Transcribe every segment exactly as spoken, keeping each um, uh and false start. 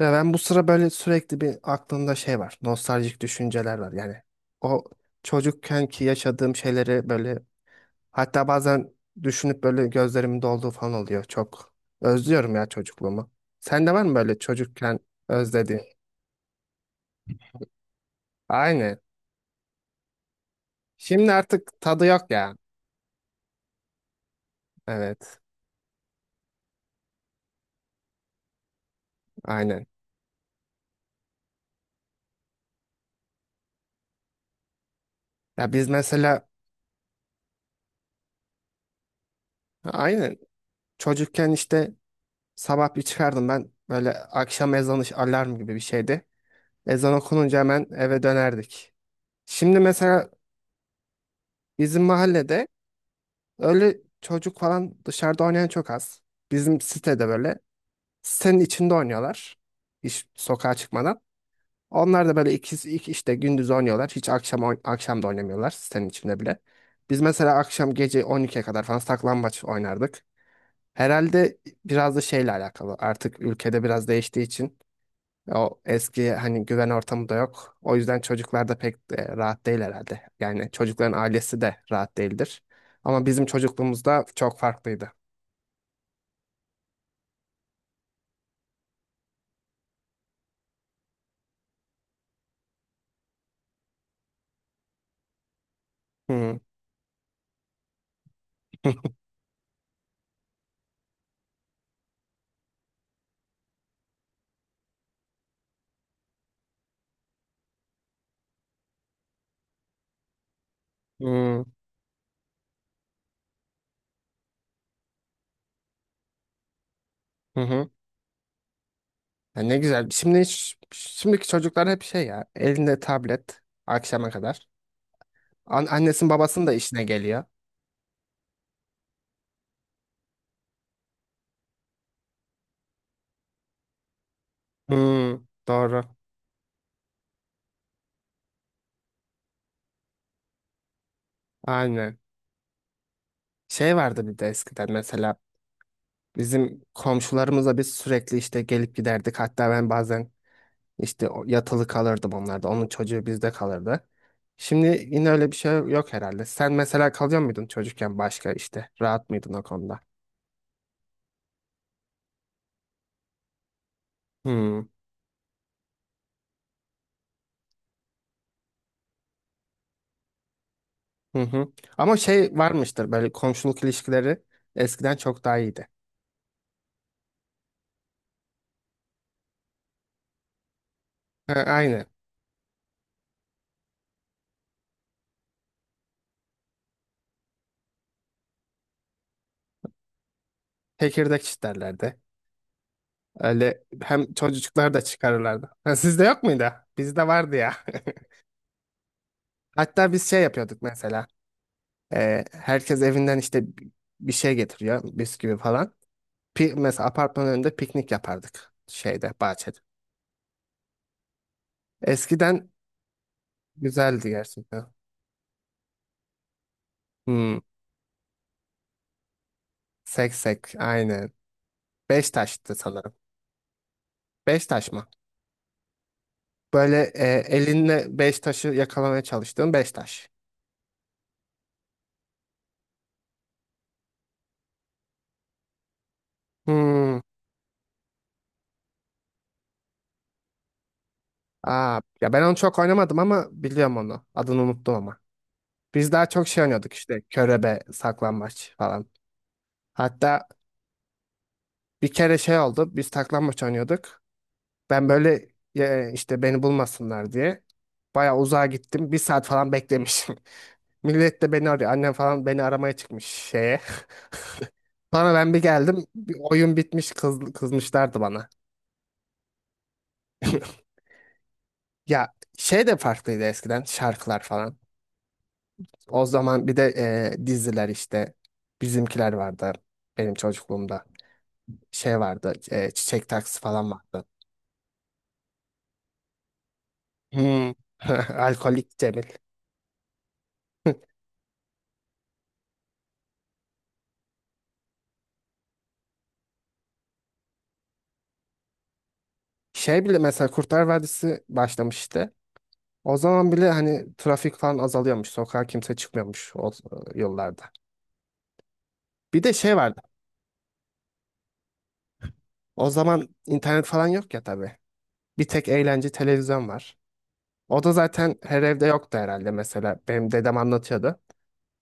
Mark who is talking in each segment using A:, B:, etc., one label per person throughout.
A: Ya ben bu sıra böyle sürekli bir aklımda şey var. Nostaljik düşünceler var. Yani o çocukken ki yaşadığım şeyleri böyle, hatta bazen düşünüp böyle gözlerimin dolduğu falan oluyor. Çok özlüyorum ya çocukluğumu. Sende var mı böyle çocukken özlediğin? Aynen. Şimdi artık tadı yok ya. Evet. Aynen. Ya biz mesela aynen çocukken işte sabah bir çıkardım ben, böyle akşam ezanı alarm gibi bir şeydi. Ezan okununca hemen eve dönerdik. Şimdi mesela bizim mahallede öyle çocuk falan dışarıda oynayan çok az. Bizim sitede böyle sitenin içinde oynuyorlar. Hiç sokağa çıkmadan. Onlar da böyle iki, iki işte gündüz oynuyorlar. Hiç akşam oyn- akşam da oynamıyorlar sitenin içinde bile. Biz mesela akşam gece on ikiye kadar falan saklambaç oynardık. Herhalde biraz da şeyle alakalı. Artık ülkede biraz değiştiği için o eski hani güven ortamı da yok. O yüzden çocuklar da pek e, rahat değil herhalde. Yani çocukların ailesi de rahat değildir. Ama bizim çocukluğumuzda çok farklıydı. Hı hı hı. Hı. Ya ne güzel. Şimdi hiç- şimdiki çocuklar hep şey ya, elinde tablet akşama kadar. An annesinin babasının da işine geliyor. Hı, doğru. Aynen. Şey vardı bir de eskiden mesela bizim komşularımızla biz sürekli işte gelip giderdik. Hatta ben bazen İşte o- yatılı kalırdım onlarda. Onun çocuğu bizde kalırdı. Şimdi yine öyle bir şey yok herhalde. Sen mesela kalıyor muydun çocukken başka işte? Rahat mıydın o konuda? Hmm. Hı hı. Ama şey varmıştır, böyle komşuluk ilişkileri eskiden çok daha iyiydi. Ha, aynı. Tekirdek çitlerlerdi. Öyle hem çocuklar da çıkarırlardı. Ha, sizde yok muydu? Bizde vardı ya. Hatta biz şey yapıyorduk mesela. Ee, herkes evinden işte bi- bir şey getiriyor. Bisküvi falan. Pi mesela apartmanın önünde piknik yapardık, şeyde bahçede. Eskiden güzeldi gerçekten. Hmm, seksek aynen. Beş taştı sanırım. Beş taş mı? Böyle e, elinle beş taşı yakalamaya çalıştığın beş taş. Hmm. Aa, ya ben onu çok oynamadım ama biliyorum onu. Adını unuttum ama. Biz daha çok şey oynuyorduk işte, körebe, saklambaç falan. Hatta bir kere şey oldu. Biz saklambaç oynuyorduk. Ben böyle e, işte beni bulmasınlar diye bayağı uzağa gittim. Bir saat falan beklemişim. Millet de beni arıyor. Annem falan beni aramaya çıkmış şeye. Sonra ben bir geldim. Bir oyun bitmiş, kız, kızmışlardı bana. Ya şey de farklıydı eskiden, şarkılar falan. O zaman bir de e, diziler işte bizimkiler vardı benim çocukluğumda. Şey vardı, e, Çiçek Taksi falan vardı. Hmm. Alkolik Cemil. Şey bile, mesela Kurtlar Vadisi başlamıştı. O zaman bile hani trafik falan azalıyormuş. Sokağa kimse çıkmıyormuş o e, yollarda. Bir de şey vardı. O zaman internet falan yok ya tabii. Bir tek eğlence televizyon var. O da zaten her evde yoktu herhalde mesela. Benim dedem anlatıyordu.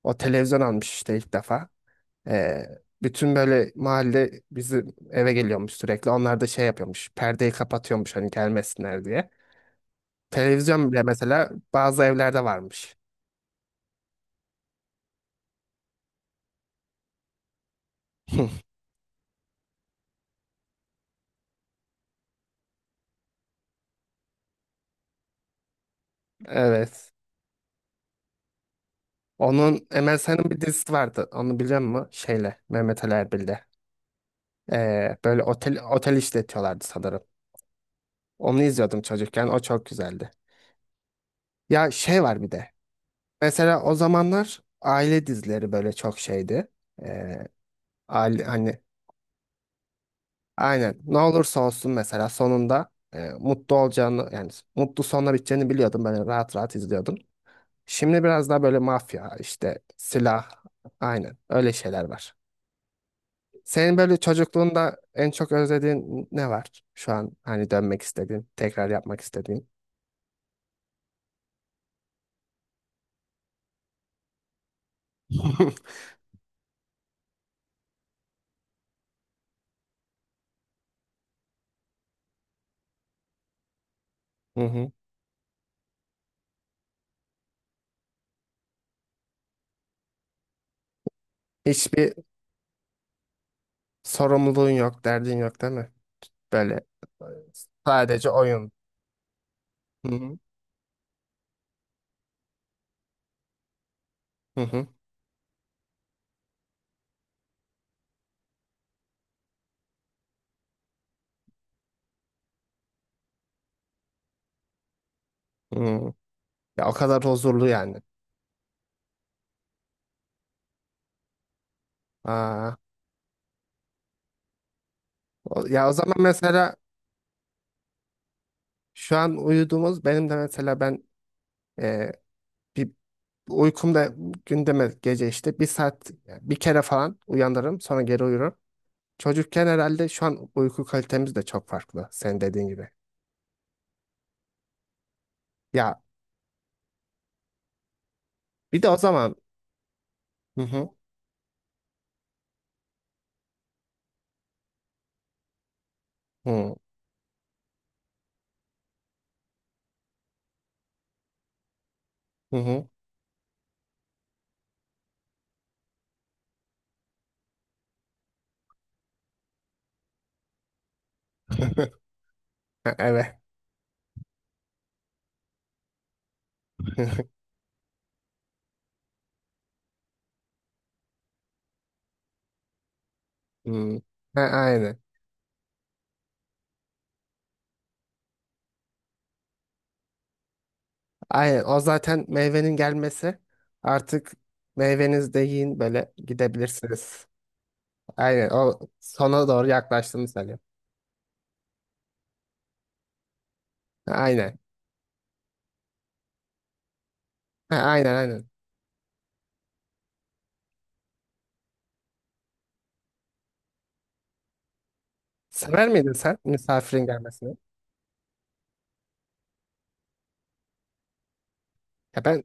A: O televizyon almış işte ilk defa. Ee, Bütün böyle mahalle bizim eve geliyormuş sürekli. Onlar da şey yapıyormuş. Perdeyi kapatıyormuş hani gelmesinler diye. Televizyon bile mesela bazı evlerde varmış. Evet. Onun, Emel Sayın'ın bir dizisi vardı. Onu biliyor musun? Şeyle, Mehmet Ali Erbil'le. Ee, böyle otel otel işletiyorlardı sanırım. Onu izliyordum çocukken. O çok güzeldi. Ya şey var bir de. Mesela o zamanlar aile dizileri böyle çok şeydi. Ee, Aile, hani aynen ne olursa olsun mesela sonunda e, mutlu olacağını, yani mutlu sonla biteceğini biliyordum. Böyle rahat rahat izliyordum. Şimdi biraz daha böyle mafya işte silah, aynen öyle şeyler var. Senin böyle çocukluğunda en çok özlediğin ne var? Şu an hani dönmek istediğin, tekrar yapmak istediğin. Hı hı. Hiçbir sorumluluğun yok, derdin yok değil mi? Böyle e, sadece oyun. Hı hı. Hı hı. Hı. Ya o kadar huzurlu yani. Aa, o- ya o zaman mesela şu an uyuduğumuz, benim de mesela ben e, bir uykumda gündeme gece işte bir saat, yani bir kere falan uyanırım sonra geri uyurum. Çocukken herhalde şu an uyku kalitemiz de çok farklı. Sen dediğin gibi. Ya bir de o zaman hı hı hı hı hı. Ha, evet. Hı. Ha, aynen. Aynen. O zaten meyvenin gelmesi. Artık meyvenizi de yiyin, böyle gidebilirsiniz. Aynen. O sona doğru yaklaştığını söylüyorum. Ha, aynen. Ha, aynen aynen. Sever miydin sen misafirin gelmesini? Ya ben,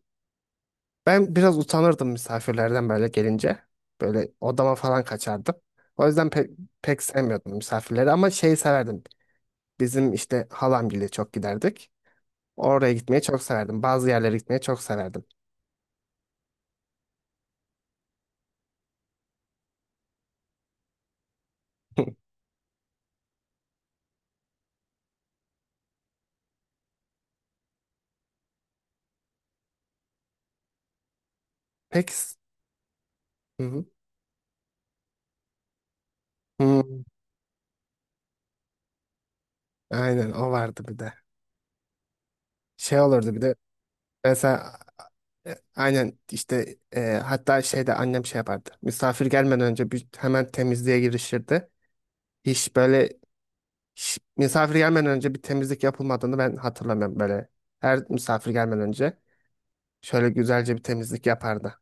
A: ben biraz utanırdım misafirlerden böyle gelince. Böyle odama falan kaçardım. O yüzden pek, pek sevmiyordum misafirleri, ama şeyi severdim. Bizim işte halamgile çok giderdik. Oraya gitmeyi çok severdim. Bazı yerlere gitmeyi çok severdim. Peki. s- Hı hı. Hı, aynen o vardı bir de. Şey olurdu bir de. Mesela e, aynen işte e, hatta şeyde annem şey yapardı. Misafir gelmeden önce bir, hemen temizliğe girişirdi. Hiç böyle Ş- misafir gelmeden önce bir temizlik yapılmadığını ben hatırlamıyorum böyle. Her misafir gelmeden önce şöyle güzelce bir temizlik yapardı.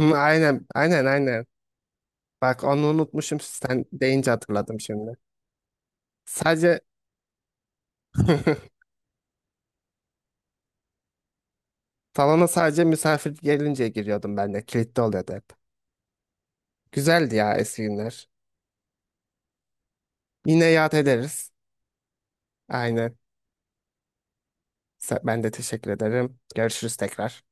A: Hı, aynen, aynen, aynen. Bak onu unutmuşum, sen deyince hatırladım şimdi. Sadece salona sadece misafir gelince giriyordum ben de. Kilitli oluyordu hep. Güzeldi ya eski günler. Yine yad ederiz. Aynen. Sa- Ben de teşekkür ederim. Görüşürüz tekrar.